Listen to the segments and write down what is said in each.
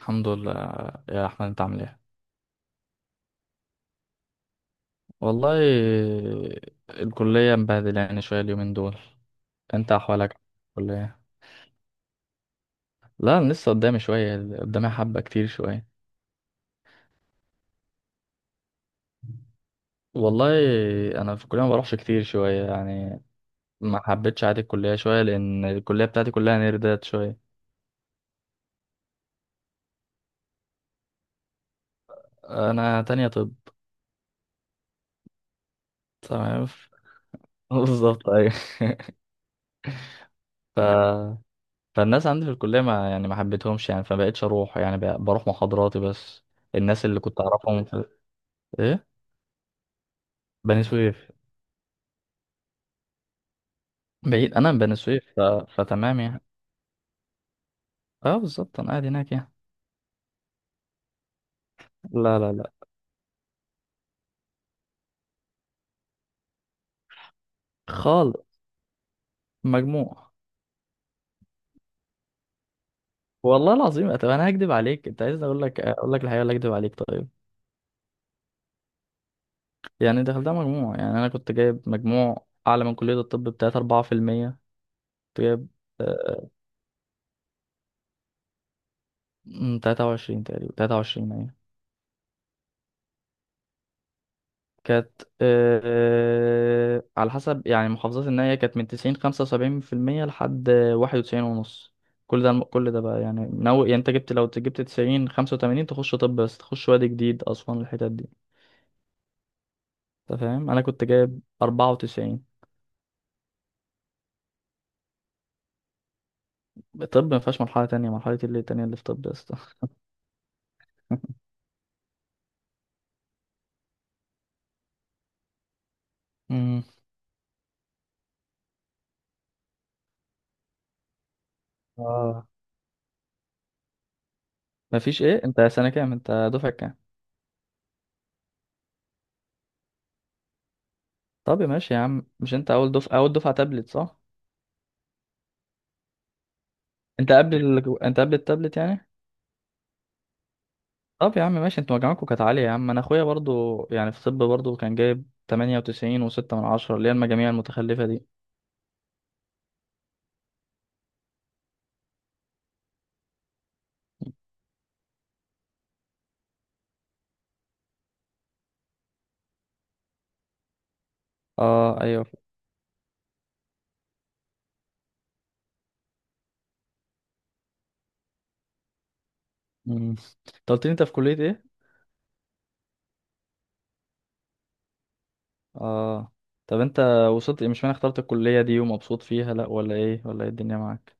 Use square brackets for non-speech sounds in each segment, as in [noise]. الحمد لله، يا احمد انت عامل ايه؟ والله، الكليه مبهدله يعني شويه اليومين دول. انت احوالك. الكليه. لا، انا لسه قدامي شويه، قدامي حبه كتير شويه. والله، انا في الكليه ما بروحش كتير شويه يعني. ما حبيتش عادي الكليه شويه، لان الكليه بتاعتي كلها نيردات شويه. انا تانية طب. تمام، [laughs] بالظبط، ايوه. [laughs] ف... فالناس عندي في الكليه ما حبيتهمش يعني، فبقيتش اروح يعني، بروح محاضراتي بس. الناس اللي كنت اعرفهم. ايه. بني سويف. بعيد انا من بني سويف، فتمام يعني. اه، بالظبط، انا قاعد هناك يعني. لا لا لا. خالص. مجموع. والله العظيم، طب انا هكدب عليك؟ انت عايز اقول لك، اقول لك الحقيقه ولا اكدب عليك؟ طيب، يعني دخلتها مجموع يعني. انا كنت جايب مجموع اعلى من كليه الطب ب 3 4%. كنت جايب آه، 23 تقريبا، 23. كانت على حسب يعني محافظات النهاية، كانت من 95.75% لحد 91.5. كل ده بقى يعني نو يعني. انت جبت لو جبت 95.85 تخش طب، بس تخش وادي جديد، أسوان، الحتت دي. انت فاهم؟ أنا كنت جايب 94. طب مفيهاش مرحلة تانية. اللي التانية اللي في طب يا اسطى! [laughs] مم. اه، مفيش. ايه، انت دفعة كام؟ طب ماشي يا عم، مش انت أول دفعة تابلت؟ صح؟ انت قبل التابلت يعني. طب يا عم ماشي، انتوا مجامعكم كانت عالية يا عم. انا اخويا برضو يعني في طب، برضو كان جايب 98 وستة من عشرة، اللي هي المجاميع المتخلفة دي. اه ايوه. مم. انت قلت لي انت في كلية ايه؟ اه. طب انت وصلت، مش معنى اخترت الكلية دي ومبسوط فيها، لا ولا ايه؟ الدنيا معاك؟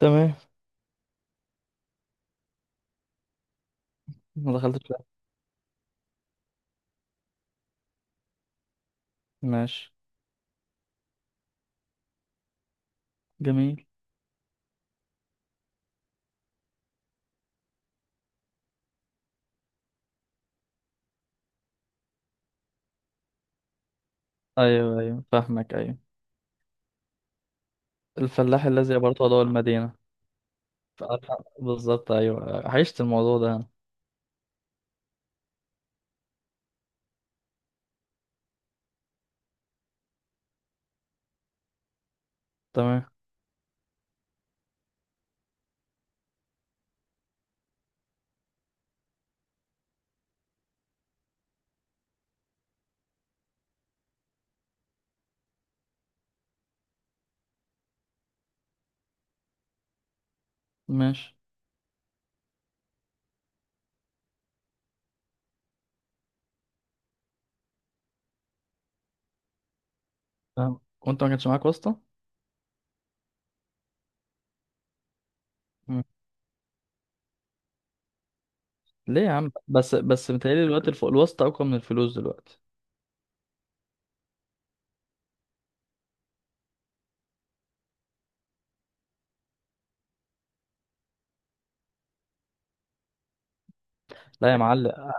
تمام. ما دخلتش فيها. ماشي. جميل. ايوه ايوه، فاهمك. ايوه. الفلاح الذي يبرت ضوء المدينة. ف- بالظبط، ايوه، عشت الموضوع ده انا. تمام. ماشي. فاهم. وانت ما كانش معاك واسطة؟ ليه يا عم؟ بس متهيألي الوقت الفوق الوسط اقوى من الفلوس دلوقتي. لا يا معلم.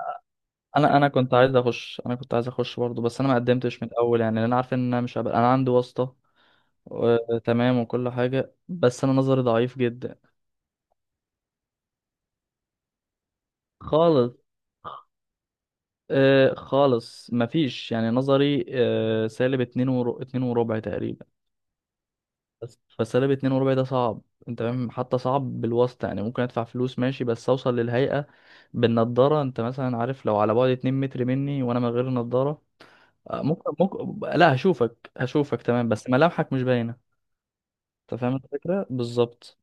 انا كنت عايز اخش. برضه، بس انا ما قدمتش من الاول يعني، لأن انا عارف ان انا مش هبقى انا عندي واسطه. [laughs] تمام، وكل حاجه. بس انا نظري ضعيف جدا. خالص. خالص، مفيش يعني. نظري -2.25، 2.25 تقريبا. بس -2.25 ده صعب. انت فاهم؟ حتى صعب بالواسطه، يعني ممكن ادفع فلوس ماشي، بس اوصل للهيئه بالنضاره. انت مثلا عارف لو على بعد 2 متر مني وانا من غير نضاره. ممكن. لا، هشوفك تمام، بس ملامحك مش باينه. انت فاهم الفكره بالظبط.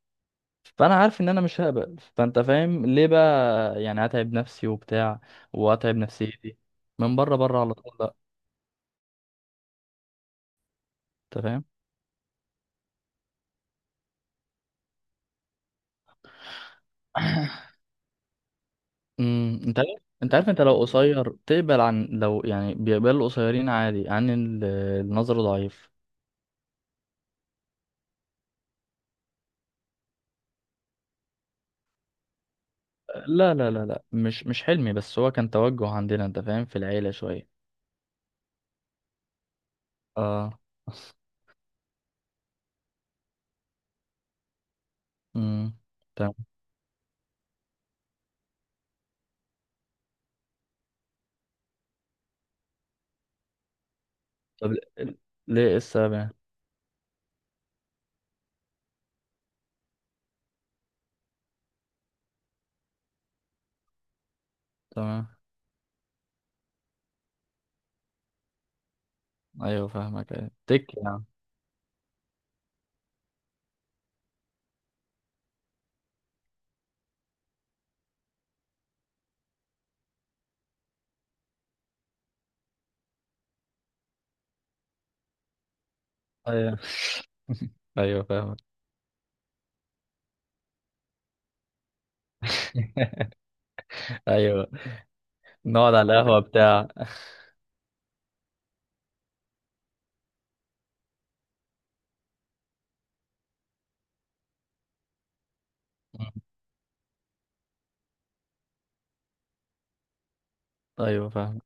فانا عارف ان انا مش هقبل، فانت فاهم ليه بقى. يعني هتعب نفسي وبتاع، وهتعب نفسيتي، من بره بره، على طول. لا. انت فاهم. [coughs] انت عارف انت لو قصير تقبل؟ عن لو يعني بيقبل القصيرين عادي، عن النظر ضعيف. لا لا لا لا، مش حلمي، بس هو كان توجه عندنا. انت فاهم؟ في العيله شويه. اه. [laughs] امم طب، ل- ليه السابع؟ تمام. ايوه، فاهمك. ايوه، تك يعني. ايوه ايوه، فاهمك. [laughs] ايوه، نقعد على القهوه. [laughs] بتاع. ايوه، فاهم.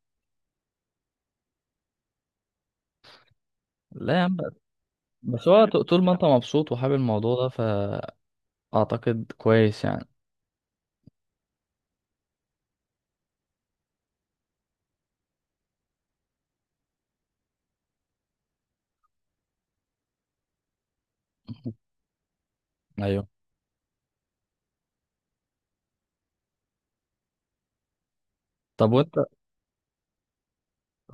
لا يا عم، بس هو طول ما انت مبسوط وحابب الموضوع ده، فاعتقد كويس يعني. ايوه. طب وانت،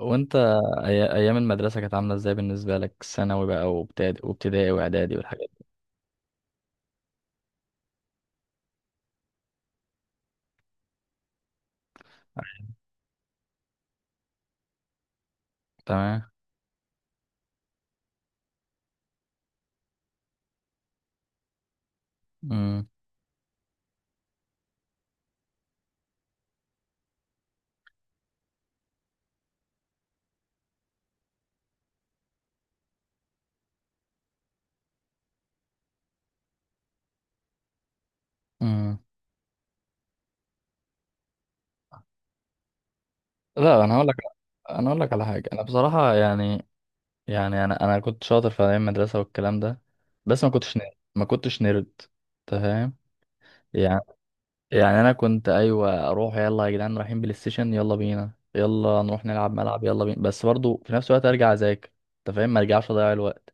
وانت ايام المدرسه كانت عامله ازاي بالنسبه لك؟ ثانوي بقى، وابتدائي، وابتدائي واعدادي، والحاجات دي. تمام. امم امم. لا، انا هقول لك. على حاجه، انا بصراحه يعني، يعني انا كنت شاطر في ايام المدرسه والكلام ده، بس ما كنتش نيرد، ما كنتش نيرد. انت فاهم؟ يعني يعني انا كنت ايوه اروح، يلا يا جدعان رايحين بلاي ستيشن، يلا بينا، يلا نروح نلعب ملعب، يلا بينا، بس برضو في نفس الوقت ارجع اذاكر. انت فاهم؟ ما ارجعش اضيع الوقت.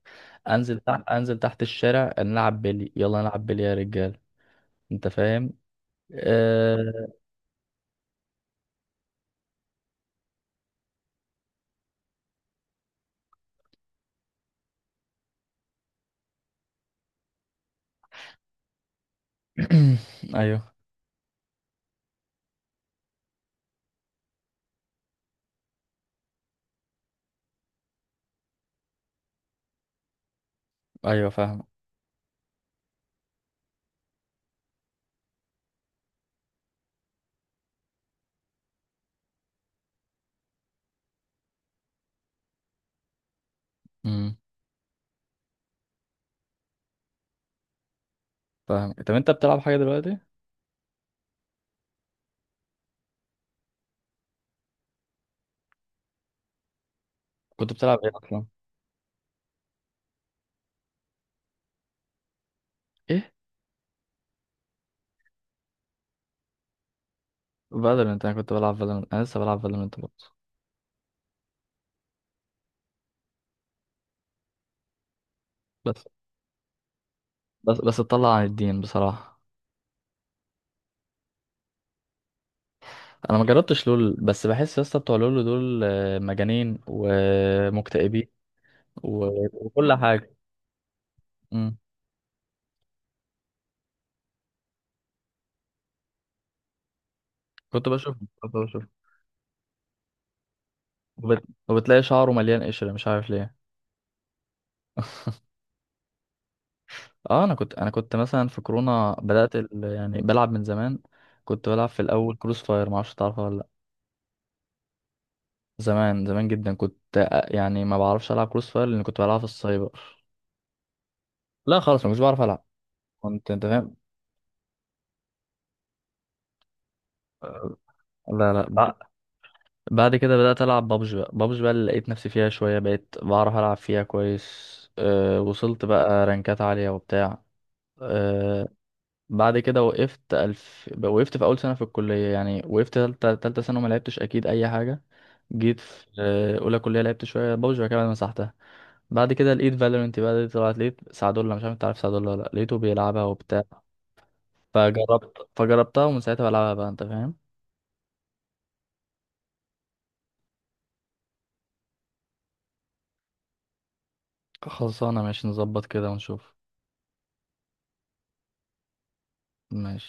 انزل تحت الشارع نلعب بلي، يلا نلعب بلي يا رجال. انت فاهم؟ أه... [clears throat] ايوه ايوه، فاهم. امم فاهم. طب انت بتلعب حاجه دلوقتي؟ كنت بتلعب ايه اصلا؟ فالورنت. انا كنت بلعب فالورنت، انا لسه بلعب فالورنت برضه. بس بس اتطلع عن الدين بصراحة. انا ما جربتش لول، بس بحس يا اسطى بتوع لول دول مجانين ومكتئبين. وكل حاجة. مم. كنت بشوف كنت بشوف وبتلاقي شعره مليان قشرة، مش عارف ليه. اه. انا كنت مثلا في كورونا بدأت يعني بلعب من زمان. كنت بلعب في الاول كروس فاير، ما اعرفش تعرفها ولا لا. زمان زمان جدا، كنت يعني ما بعرفش العب كروس فاير، لان كنت بلعب في السايبر. لا خالص، ما كنتش بعرف العب. كنت. انت فاهم. لا لا، بعد كده بدأت ألعب بابجي بقى، بابجي بقى اللي لقيت نفسي فيها شوية، بقيت بعرف ألعب فيها كويس. أه، وصلت بقى رانكات عالية وبتاع. أه، بعد كده وقفت. ألف. وقفت في أول سنة في الكلية يعني. وقفت تالتة سنة وما لعبتش أكيد أي حاجة. جيت في أولى كلية لعبت شوية بابجي. بعد كده، بعد ما مسحتها، بعد كده لقيت فالورنت بقى دي، طلعت لقيت سعدولة، مش عارف أنت عارف سعدولة ولا لأ، لقيته بيلعبها وبتاع. فجربتها، ومن ساعتها بلعبها بقى. أنت فاهم. خلصانة، ماشي نظبط كده ونشوف. ماشي.